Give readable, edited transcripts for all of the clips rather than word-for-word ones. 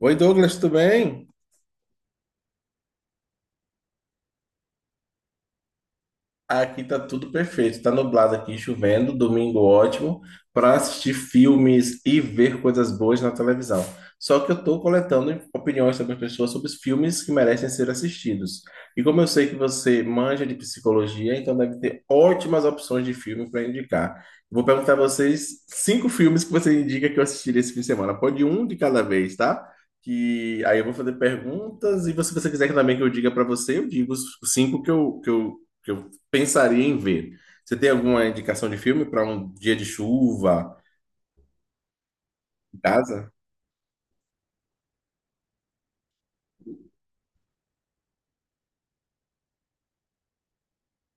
Oi, Douglas, tudo bem? Aqui tá tudo perfeito. Tá nublado aqui, chovendo, domingo ótimo para assistir filmes e ver coisas boas na televisão. Só que eu tô coletando opiniões sobre as pessoas sobre os filmes que merecem ser assistidos. E como eu sei que você manja de psicologia, então deve ter ótimas opções de filme para indicar. Vou perguntar a vocês cinco filmes que você indica que eu assistiria esse fim de semana. Pode um de cada vez, tá? Que aí eu vou fazer perguntas e se você quiser que também que eu diga para você, eu digo os cinco que eu pensaria em ver. Você tem alguma indicação de filme para um dia de chuva em casa?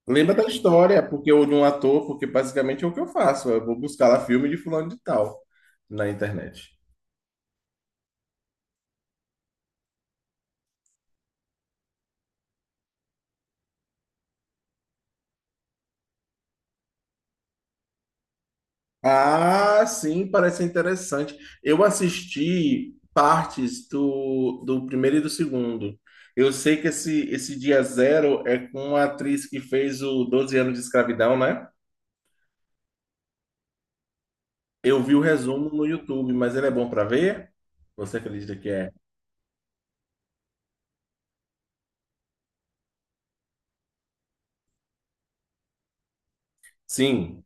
Lembra da história, porque eu de um ator, porque basicamente é o que eu faço. Eu vou buscar lá filme de fulano de tal na internet. Ah, sim, parece interessante. Eu assisti partes do primeiro e do segundo. Eu sei que esse Dia Zero é com a atriz que fez o 12 anos de escravidão, né? Eu vi o resumo no YouTube, mas ele é bom para ver? Você acredita que é? Sim.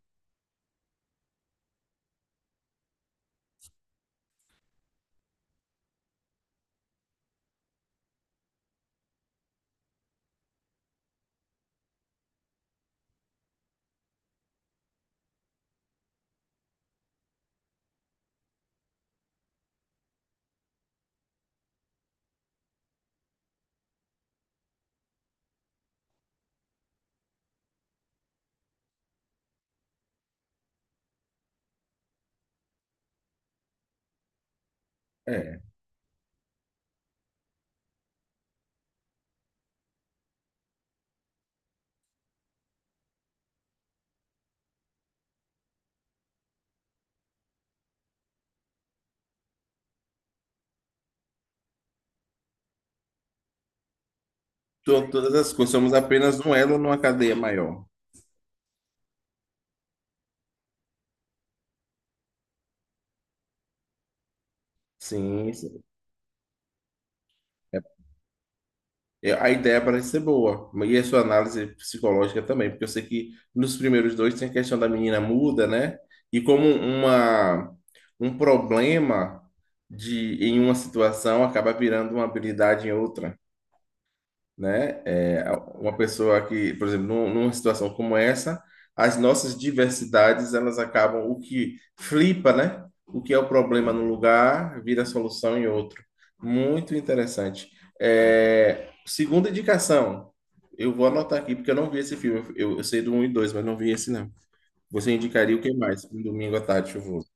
É, Todas as coisas somos apenas um elo numa cadeia maior. Sim, sim. é, A ideia parece ser boa, e a sua análise psicológica também, porque eu sei que nos primeiros dois tem a questão da menina muda, né? E como uma, um problema de, em uma situação acaba virando uma habilidade em outra, né? É, uma pessoa que, por exemplo, numa situação como essa, as nossas diversidades, elas acabam, o que flipa, né? O que é o problema num lugar, vira solução em outro. Muito interessante. É, segunda indicação, eu vou anotar aqui, porque eu não vi esse filme. Eu sei do um e dois, mas não vi esse, não. Você indicaria o que mais? Um domingo à tarde chuvoso.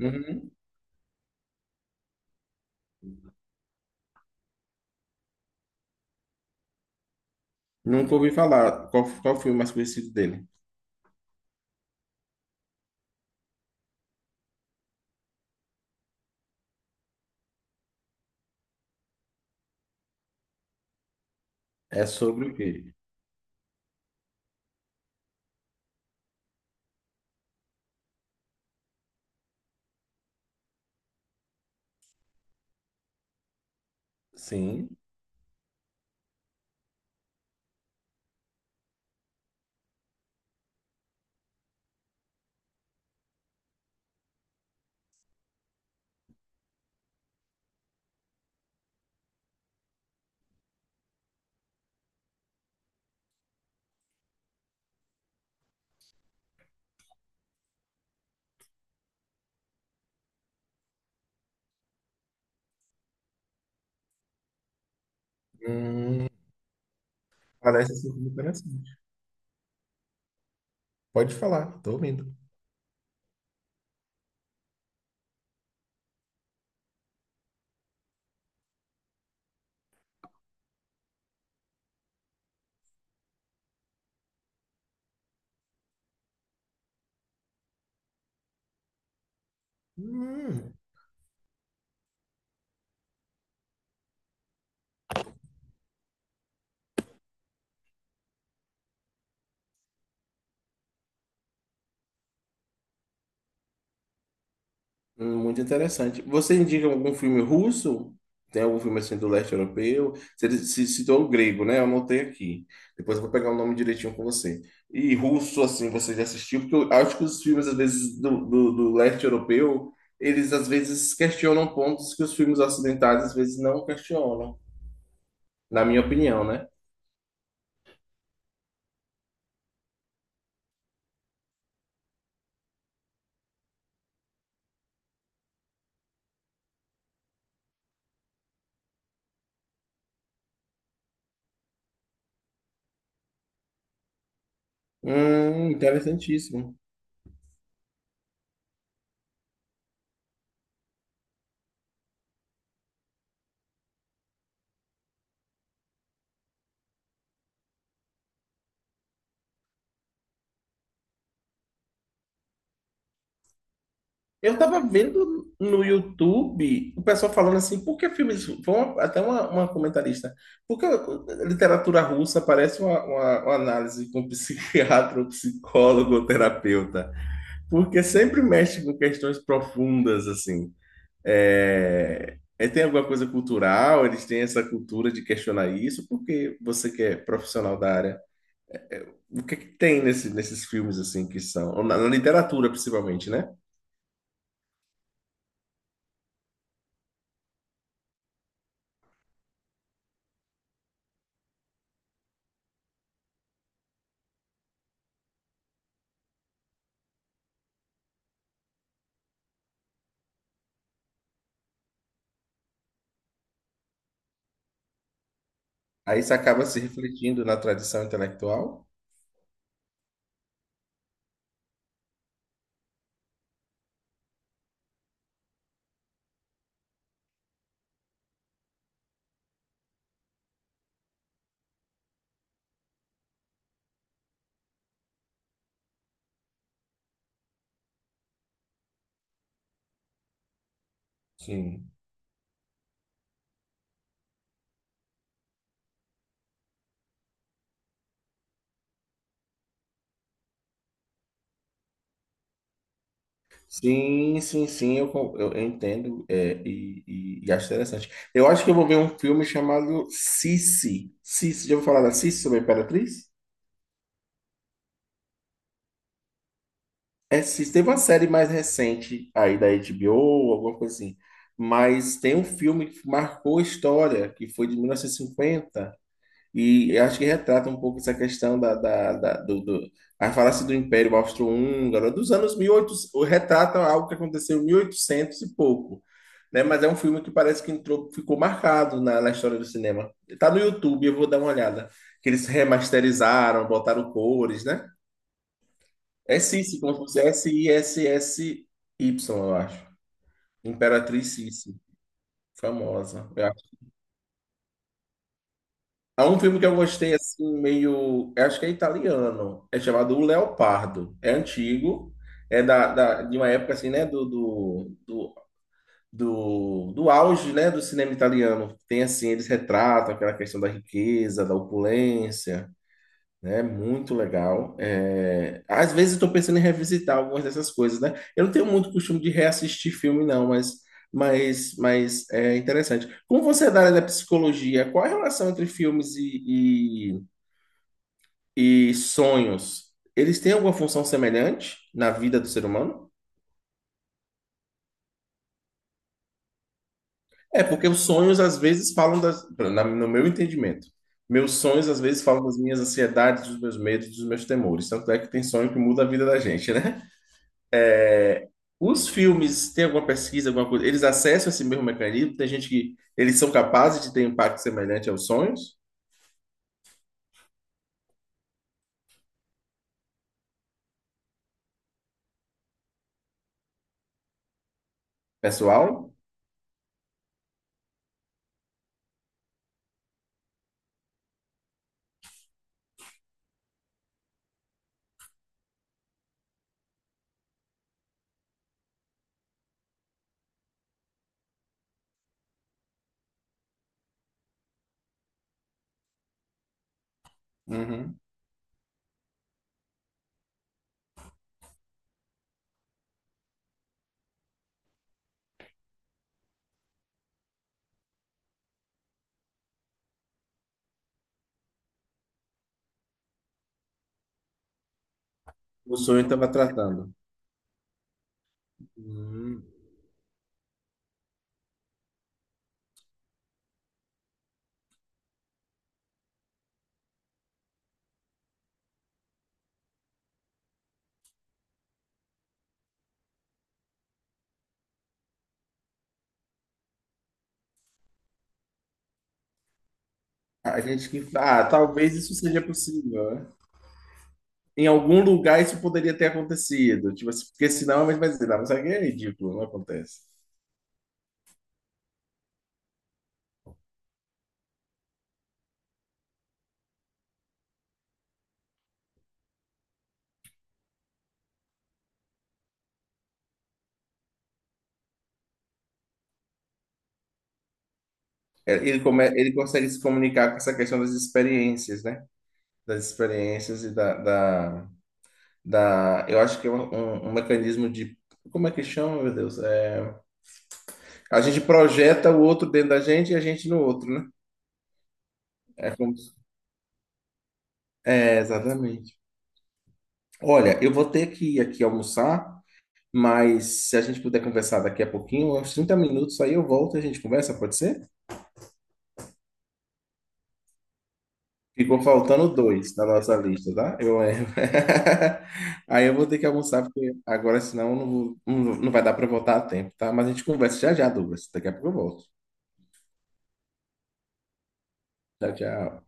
Uhum. Nunca ouvi falar. Qual o filme mais conhecido dele? É sobre o quê? Sim. Hum, parece assim como interessante. Pode falar, tô ouvindo. Hum. Muito interessante. Você indica algum filme russo? Tem algum filme assim do leste europeu? Você se citou o grego, né? Eu anotei aqui. Depois eu vou pegar o nome direitinho com você. E russo, assim, você já assistiu? Porque eu acho que os filmes, às vezes, do leste europeu, eles às vezes questionam pontos que os filmes ocidentais às vezes não questionam, na minha opinião, né? Interessantíssimo. Eu tava vendo no YouTube o pessoal falando assim, por que filmes. Até uma comentarista. Por que literatura russa parece uma análise com psiquiatra, ou psicólogo ou terapeuta? Porque sempre mexe com questões profundas, assim. Tem alguma coisa cultural? Eles têm essa cultura de questionar isso? Porque você que é profissional da área, o que é que tem nesses filmes, assim, que são, ou na literatura, principalmente, né? Aí isso acaba se refletindo na tradição intelectual? Sim. Sim, sim, sim. Eu entendo, e acho interessante. Eu acho que eu vou ver um filme chamado Sissi. Sissi, já ouviu falar da Sissi sobre a Imperatriz? É, Sissi. Teve uma série mais recente aí da HBO, alguma coisa assim. Mas tem um filme que marcou a história, que foi de 1950. E eu acho que retrata um pouco essa questão a falácia do Império Austro-Húngaro, né, dos anos 1800, retrata algo que aconteceu em 1800 e oitocentos e pouco, né? Mas é um filme que parece que entrou, ficou marcado na, na história do cinema. Tá no YouTube, eu vou dar uma olhada. Que eles remasterizaram, botaram cores, né? É Sissi, como se fosse S-I-S-S-Y, eu acho. Imperatriz Sissi, famosa. Há um filme que eu gostei assim, meio. Eu Acho que é italiano. É chamado O Leopardo. É antigo. É de uma época assim, né? Do auge, né? Do cinema italiano. Tem assim, eles retratam aquela questão da riqueza, da opulência. Muito legal. É, às vezes eu tô pensando em revisitar algumas dessas coisas, né? Eu não tenho muito costume de reassistir filme, não, mas é interessante. Como você é da área da psicologia, qual a relação entre filmes e sonhos? Eles têm alguma função semelhante na vida do ser humano? É, porque os sonhos às vezes falam das, no meu entendimento. Meus sonhos às vezes falam das minhas ansiedades, dos meus medos, dos meus temores. Tanto é que tem sonho que muda a vida da gente, né? Os filmes, tem alguma pesquisa, alguma coisa? Eles acessam esse mesmo mecanismo? Tem gente que eles são capazes de ter um impacto semelhante aos sonhos, pessoal? Uhum. O sonho estava tratando. Hum. A gente que. Ah, talvez isso seja possível, né? Em algum lugar isso poderia ter acontecido. Tipo assim, porque senão ele vai dizer, não, mas aqui é ridículo, não acontece. É, ele, come, ele consegue se comunicar com essa questão das experiências, né? Das experiências e da, eu acho que é um mecanismo de, como é que chama, meu Deus? É, a gente projeta o outro dentro da gente e a gente no outro, né? É como, é, exatamente. Olha, eu vou ter que ir aqui almoçar, mas se a gente puder conversar daqui a pouquinho, uns 30 minutos, aí eu volto e a gente conversa, pode ser? Ficou faltando dois na nossa lista, tá? Eu lembro. Aí eu vou ter que almoçar, porque agora senão eu não, vou- não, não vai dar para voltar a tempo, tá? Mas a gente conversa já já, Douglas. Daqui a pouco eu volto. Tchau, tchau.